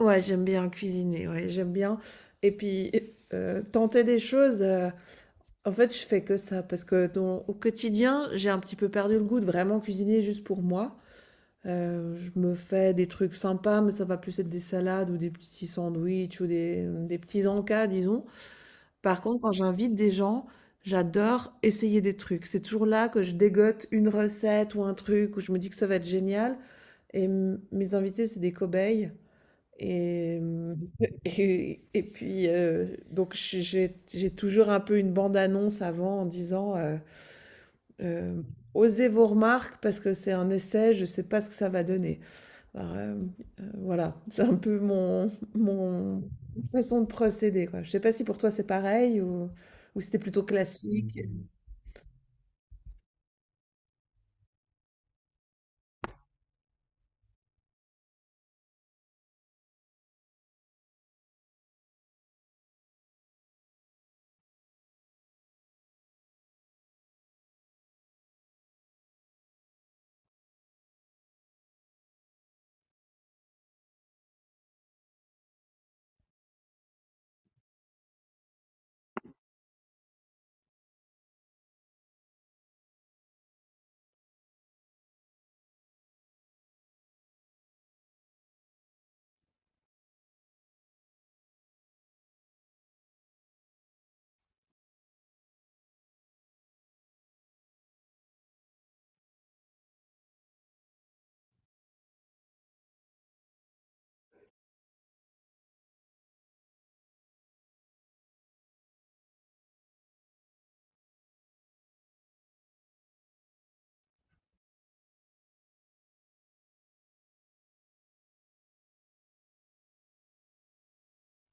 Ouais, j'aime bien cuisiner, ouais, j'aime bien. Et puis, tenter des choses, en fait, je fais que ça, parce que au quotidien, j'ai un petit peu perdu le goût de vraiment cuisiner juste pour moi. Je me fais des trucs sympas, mais ça va plus être des salades ou des petits sandwichs ou des petits encas, disons. Par contre, quand j'invite des gens, j'adore essayer des trucs. C'est toujours là que je dégote une recette ou un truc où je me dis que ça va être génial. Et mes invités, c'est des cobayes. Et et puis, donc je j'ai toujours un peu une bande-annonce avant en disant, hem: «Osez vos remarques parce que c'est un essai, je ne sais pas ce que ça va donner». Alors, hem, voilà, c'est un peu mon façon de procéder, quoi. Je ne sais pas si pour toi c'est pareil ou c'était plutôt classique?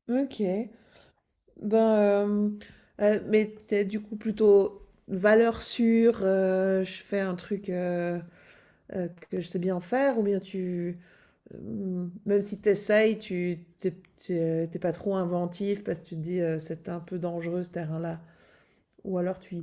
Mmh. OK. Ben, hem, mais t'es du coup plutôt valeur sûre, je fais un truc, que je sais bien faire ou bien tu, même si tu t'es p pas trop inventif parce que tu te dis, «C'est un peu dangereux ce terrain-là», ou alors tu y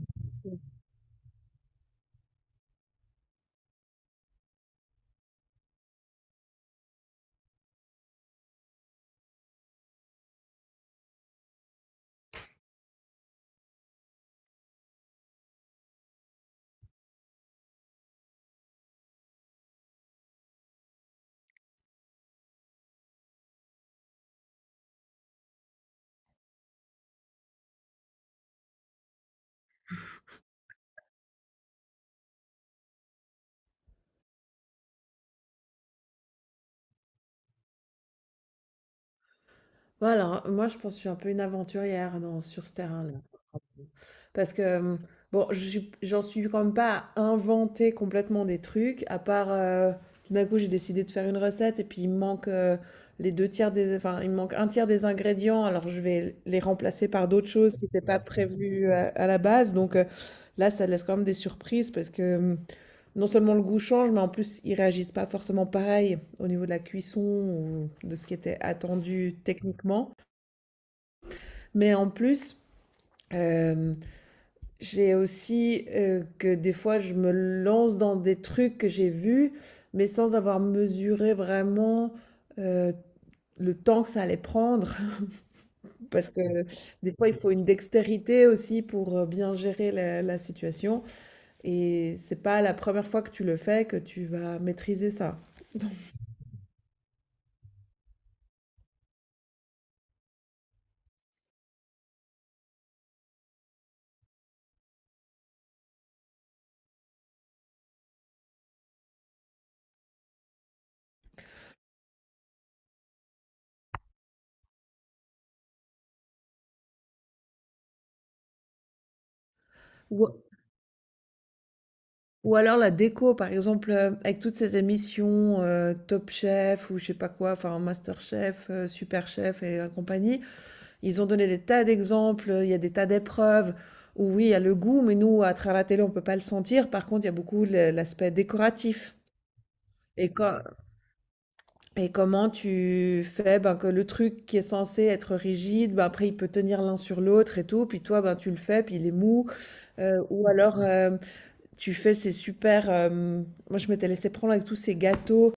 voilà, moi je pense que je suis un peu une aventurière dans sur ce terrain-là. Parce que, bon, je suis j'en suis quand même pas à inventer complètement des trucs, à part, tout d'un coup, j'ai décidé de faire une recette et puis il me manque, les deux tiers des enfin, il me manque un tiers des ingrédients, alors je vais les remplacer par d'autres choses qui n'étaient pas prévues, à la base, donc là, ça laisse quand même des surprises parce que, non seulement le goût change, mais en plus, ils réagissent pas forcément pareil au niveau de la cuisson ou de ce qui était attendu techniquement. Mais en plus, j'ai aussi que des fois, je me lance dans des trucs que j'ai vus, mais sans avoir mesuré vraiment euh, le temps que ça allait prendre. Parce que des fois, il faut une dextérité aussi pour bien gérer la situation. Et c'est pas la première fois que tu le fais que tu vas maîtriser ça. Ou, ou alors la déco, par exemple, avec toutes ces émissions Top Chef ou je sais pas quoi, enfin MasterChef, Chef, Super Chef et la compagnie. Ils ont donné des tas d'exemples, il y a des tas d'épreuves où oui, il y a le goût, mais nous, à travers la télé, on peut pas le sentir. Par contre, il y a beaucoup l'aspect décoratif. Et, co- et comment tu fais ben, que le truc qui est censé être rigide, ben, après il peut tenir l'un sur l'autre et tout, puis toi ben, tu le fais, puis il est mou. Ou alors tu fais ces super... moi je m'étais laissé prendre avec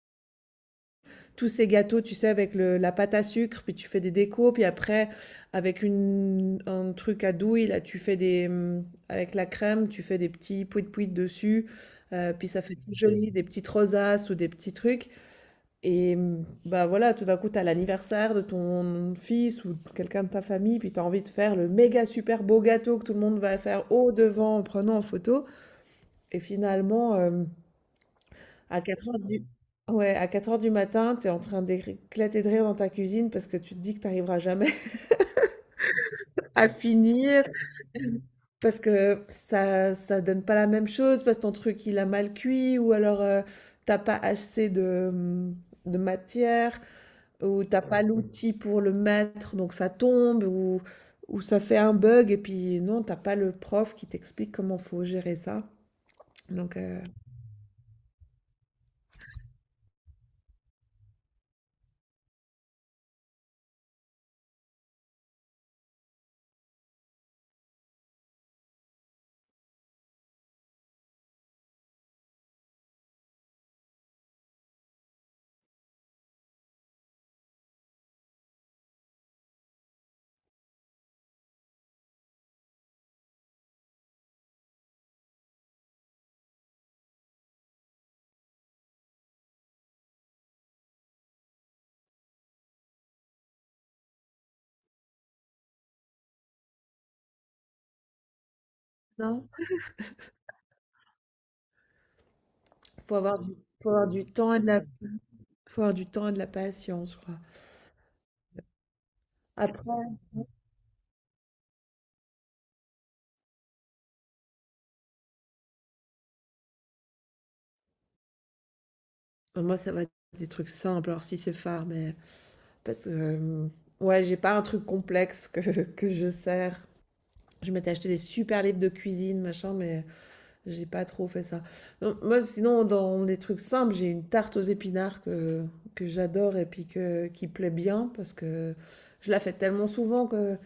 tous ces gâteaux, tu sais, avec la pâte à sucre, puis tu fais des décos, puis après, avec un truc à douille, là, tu fais des... Avec la crème, tu fais des petits pouit-pouit dessus, puis ça fait tout joli, des petites rosaces ou des petits trucs. Et bah voilà, tout d'un coup, t'as l'anniversaire de ton fils ou de quelqu'un de ta famille, puis t'as envie de faire le méga super beau gâteau que tout le monde va faire au devant en prenant en photo. Et finalement... à 4 heures du... Ouais, à 4 heures du matin, tu es en train d'éclater de rire dans ta cuisine parce que tu te dis que tu arriveras jamais à finir, parce que ça donne pas la même chose, parce que ton truc il a mal cuit, ou alors t'as pas assez de, de matière, ou t'as pas l'outil pour le mettre, donc ça tombe, ou ça fait un bug, et puis non, t'as pas le prof qui t'explique comment faut gérer ça. Donc, non, faut avoir du, faut avoir du temps et de la, faut avoir du temps et de la patience, je crois. Après, moi, ça va être des trucs simples, alors si c'est phare, mais parce que ouais, j'ai pas un truc complexe que que je sers. Je m'étais acheté des super livres de cuisine, machin, mais j'ai pas trop fait ça. Non, moi, sinon, dans les trucs simples, j'ai une tarte aux épinards que j'adore et puis que qui plaît bien parce que je la fais tellement souvent que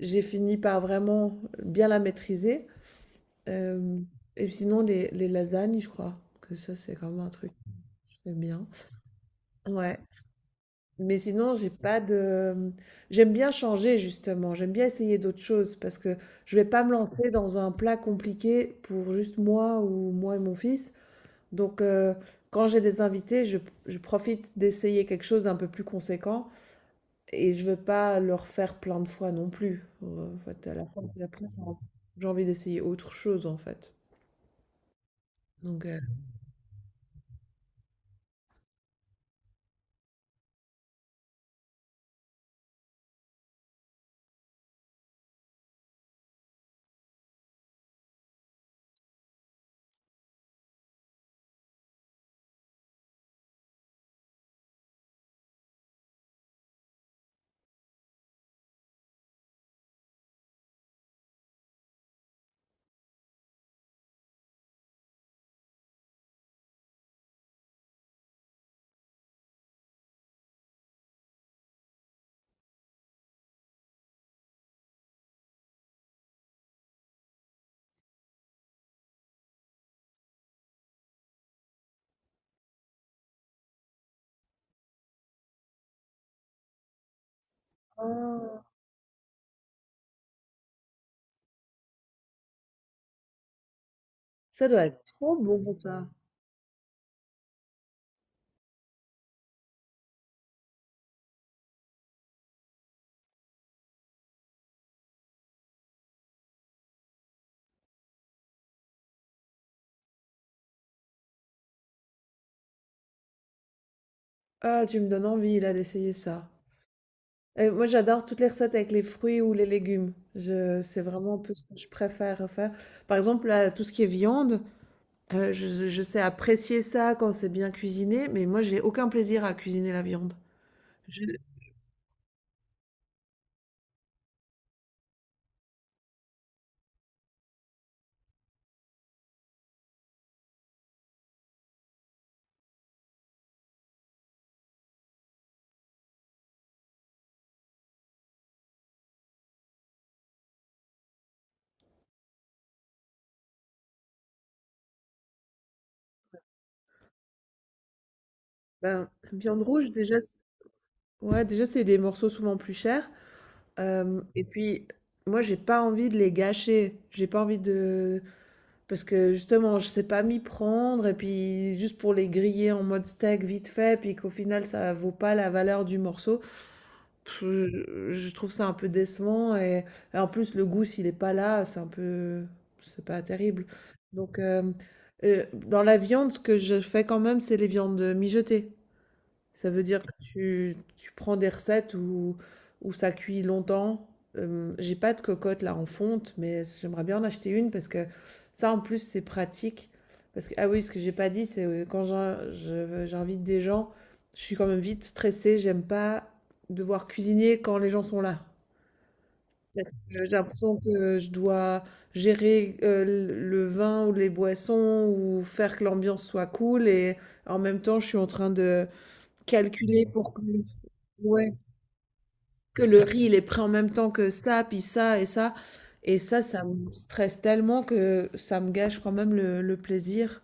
j'ai fini par vraiment bien la maîtriser. Hem, et sinon, les lasagnes, je crois que ça, c'est quand même un truc que je fais bien. Ouais. Mais sinon, j'ai pas de... J'aime bien changer justement, j'aime bien essayer d'autres choses parce que je vais pas me lancer dans un plat compliqué pour juste moi ou moi et mon fils. Donc quand j'ai des invités, je profite d'essayer quelque chose d'un peu plus conséquent et je veux pas leur faire plein de fois non plus. En fait, à la fin de la place, j'ai envie d'essayer autre chose en fait. Donc ça doit être trop bon pour ça. Ah, tu me donnes envie là d'essayer ça. Et moi, j'adore toutes les recettes avec les fruits ou les légumes. Je, c'est vraiment un peu ce que je préfère faire. Par exemple, là, tout ce qui est viande, je sais apprécier ça quand c'est bien cuisiné, mais moi, j'ai aucun plaisir à cuisiner la viande. Je- ben, viande rouge, déjà, ouais, déjà, c'est des morceaux souvent plus chers. Et puis, moi, j'ai pas envie de les gâcher. J'ai pas envie de... Parce que justement, je sais pas m'y prendre, et puis juste pour les griller en mode steak vite fait, puis qu'au final, ça vaut pas la valeur du morceau. Pff, je trouve ça un peu décevant et en plus le goût s'il est pas là, c'est un peu c'est pas terrible. Donc dans la viande, ce que je fais quand même, c'est les viandes mijotées. Ça veut dire que tu prends des recettes où ça cuit longtemps. J'ai pas de cocotte là en fonte, mais j'aimerais bien en acheter une parce que ça en plus c'est pratique. Parce que, ah oui, ce que j'ai pas dit, c'est quand j'invite des gens, je suis quand même vite stressée. J'aime pas devoir cuisiner quand les gens sont là. Parce que j'ai l'impression que je dois gérer le vin ou les boissons ou faire que l'ambiance soit cool et en même temps je suis en train de calculer pour que, ouais, que le riz, il est prêt en même temps que ça, puis ça et ça. Et ça, ça me stresse tellement que ça me gâche quand même le plaisir,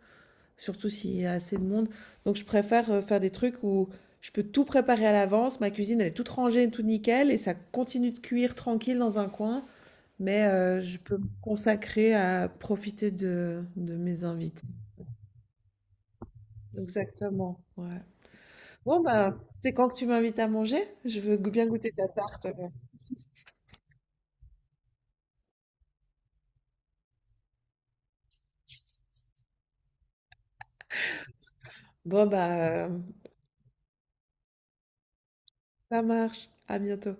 surtout s'il y a assez de monde. Donc, je préfère faire des trucs où je peux tout préparer à l'avance. Ma cuisine, elle est toute rangée, tout nickel, et ça continue de cuire tranquille dans un coin. Mais je peux me consacrer à profiter de mes invités. Exactement, ouais. Bon, bah, c'est quand que tu m'invites à manger? Je veux bien goûter ta tarte. Bon, bah, ça marche. À bientôt.